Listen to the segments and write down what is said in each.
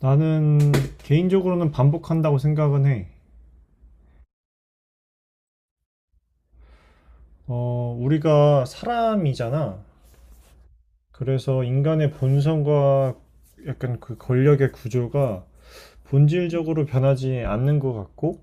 나는 개인적으로는 반복한다고 생각은 해. 우리가 사람이잖아. 그래서 인간의 본성과 약간 그 권력의 구조가 본질적으로 변하지 않는 것 같고,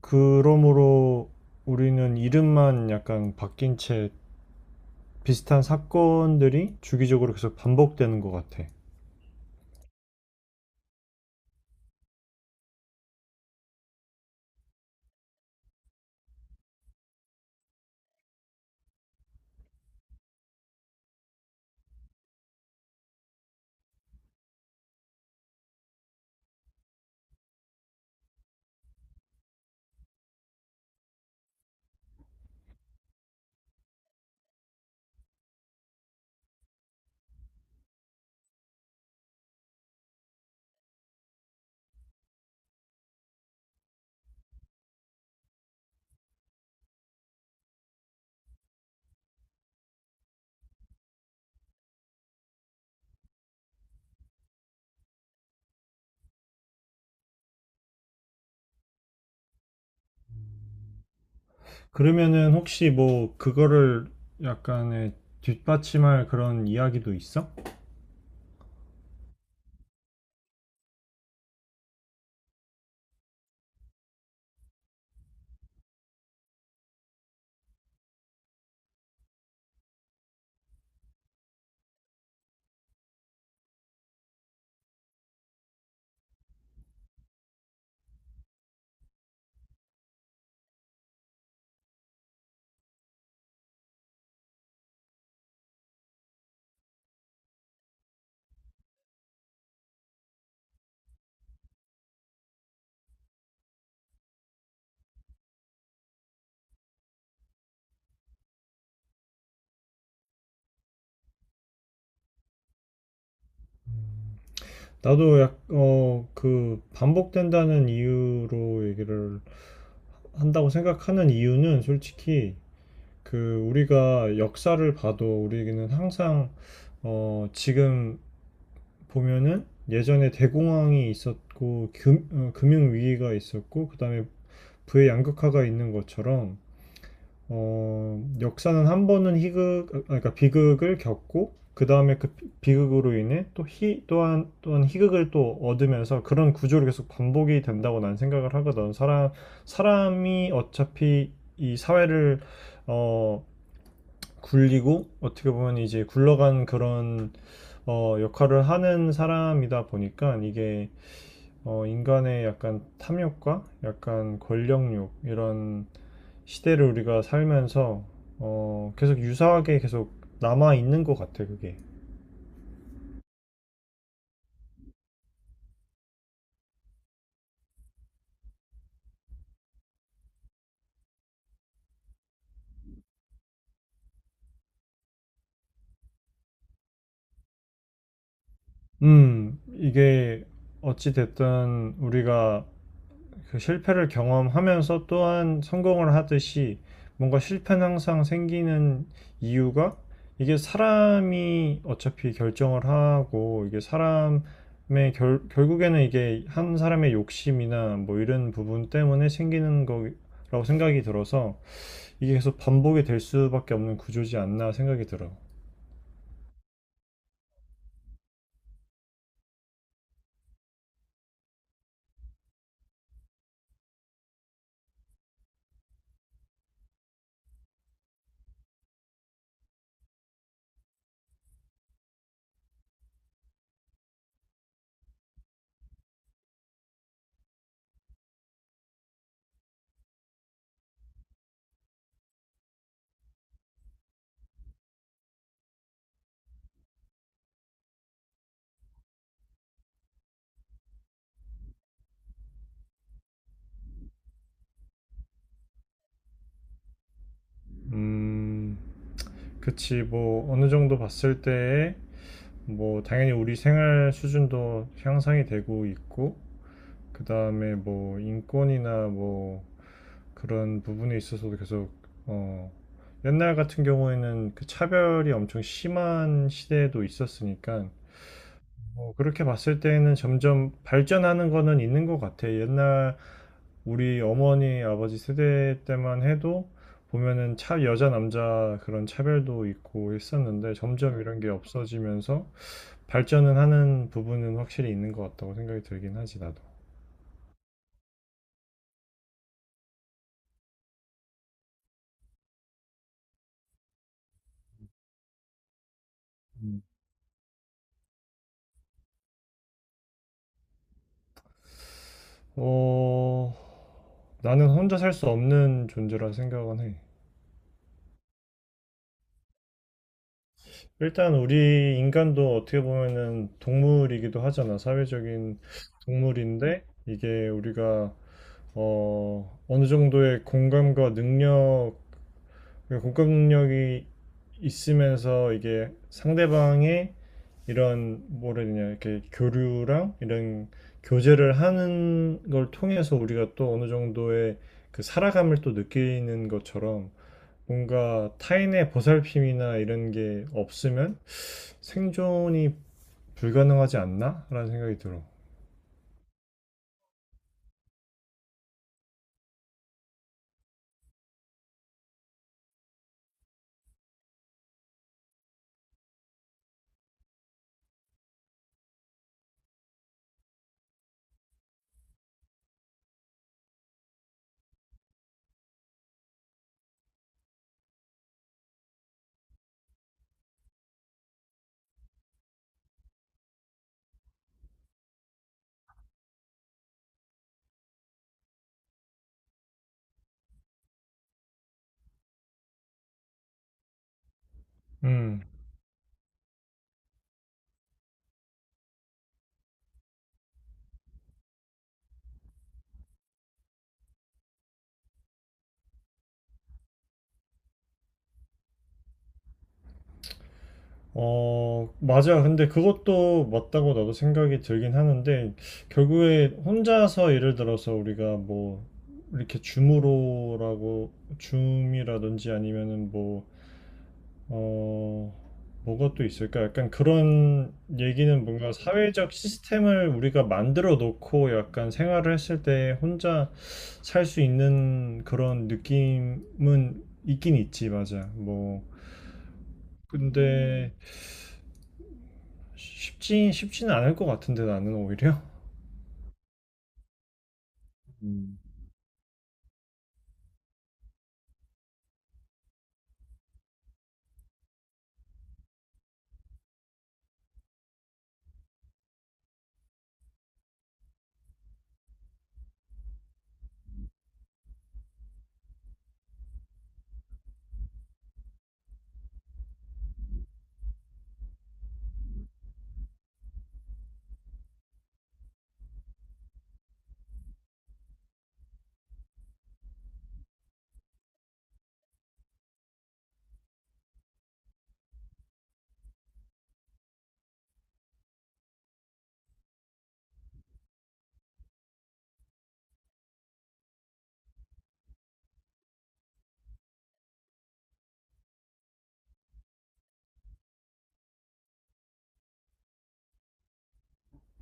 그러므로 우리는 이름만 약간 바뀐 채 비슷한 사건들이 주기적으로 계속 반복되는 것 같아. 그러면은 혹시 뭐 그거를 약간의 뒷받침할 그런 이야기도 있어? 나도 그 반복된다는 이유로 얘기를 한다고 생각하는 이유는 솔직히 그 우리가 역사를 봐도 우리에게는 항상 지금 보면은 예전에 대공황이 있었고 융위기가 있었고 그다음에 부의 양극화가 있는 것처럼 역사는 한 번은 그러니까 비극을 겪고, 그 다음에 비극으로 인해 또한 희극을 또 얻으면서 그런 구조를 계속 반복이 된다고 난 생각을 하거든. 사람이 어차피 이 사회를, 어, 굴리고, 어떻게 보면 이제 굴러간 그런, 역할을 하는 사람이다 보니까 이게, 인간의 약간 탐욕과 약간 권력욕, 이런 시대를 우리가 살면서 계속 유사하게 계속 남아 있는 것 같아, 그게. 이게 어찌 됐든 우리가 그 실패를 경험하면서 또한 성공을 하듯이 뭔가 실패는 항상 생기는 이유가 이게 사람이 어차피 결정을 하고 이게 사람의 결국에는 이게 한 사람의 욕심이나 뭐 이런 부분 때문에 생기는 거라고 생각이 들어서 이게 계속 반복이 될 수밖에 없는 구조지 않나 생각이 들어. 음, 그치, 뭐, 어느 정도 봤을 때에, 뭐, 당연히 우리 생활 수준도 향상이 되고 있고, 그 다음에 뭐, 인권이나 뭐, 그런 부분에 있어서도 계속, 어, 옛날 같은 경우에는 그 차별이 엄청 심한 시대도 있었으니까, 뭐 그렇게 봤을 때는 점점 발전하는 거는 있는 것 같아. 옛날 우리 어머니, 아버지 세대 때만 해도 보면은 여자, 남자 그런 차별도 있고 했었는데 점점 이런 게 없어지면서 발전은 하는 부분은 확실히 있는 것 같다고 생각이 들긴 하지, 나도. 음. 어, 나는 혼자 살 수 없는 존재라 생각은 해. 일단 우리 인간도 어떻게 보면은 동물이기도 하잖아. 사회적인 동물인데 이게 우리가 어느 정도의 공감과 능력, 그러니까 공감 능력이 있으면서 이게 상대방의 이런 뭐라 해야 되냐 이렇게 교류랑 이런 교제를 하는 걸 통해서 우리가 또 어느 정도의 그 살아감을 또 느끼는 것처럼 뭔가 타인의 보살핌이나 이런 게 없으면 생존이 불가능하지 않나? 라는 생각이 들어. 음. 어, 맞아. 근데 그것도 맞다고 나도 생각이 들긴 하는데, 결국에 혼자서 예를 들어서 우리가 뭐, 이렇게 줌으로라고, 줌이라든지 아니면은 뭐, 어, 뭐가 또 있을까? 약간 그런 얘기는 뭔가 사회적 시스템을 우리가 만들어 놓고 약간 생활을 했을 때 혼자 살 수 있는 그런 느낌은 있긴 있지, 맞아. 뭐, 근데, 쉽지는 않을 것 같은데 나는 오히려 음,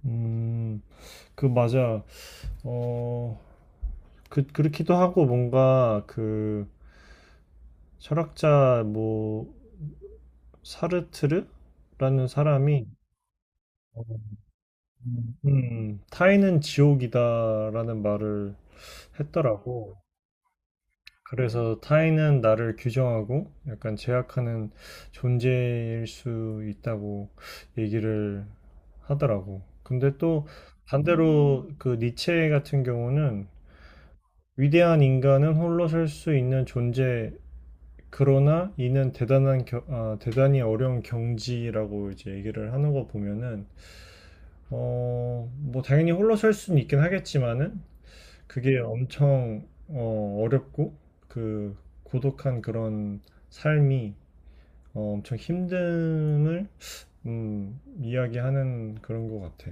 음, 그 맞아. 어, 그 그렇기도 하고 뭔가 그 철학자 뭐 사르트르라는 사람이 타인은 지옥이다라는 말을 했더라고. 그래서 타인은 나를 규정하고 약간 제약하는 존재일 수 있다고 얘기를 하더라고. 근데 또 반대로 그 니체 같은 경우는 위대한 인간은 홀로 설 수 있는 존재, 그러나 이는 대단히 어려운 경지라고 이제 얘기를 하는 거 보면은 뭐 당연히 홀로 설 수는 있긴 하겠지만은 그게 어렵고 그 고독한 그런 삶이 엄청 힘듦을 이야기하는 그런 것 같아.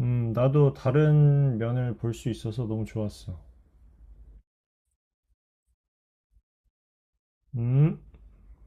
나도 다른 면을 볼 수 있어서 너무 좋았어. 음.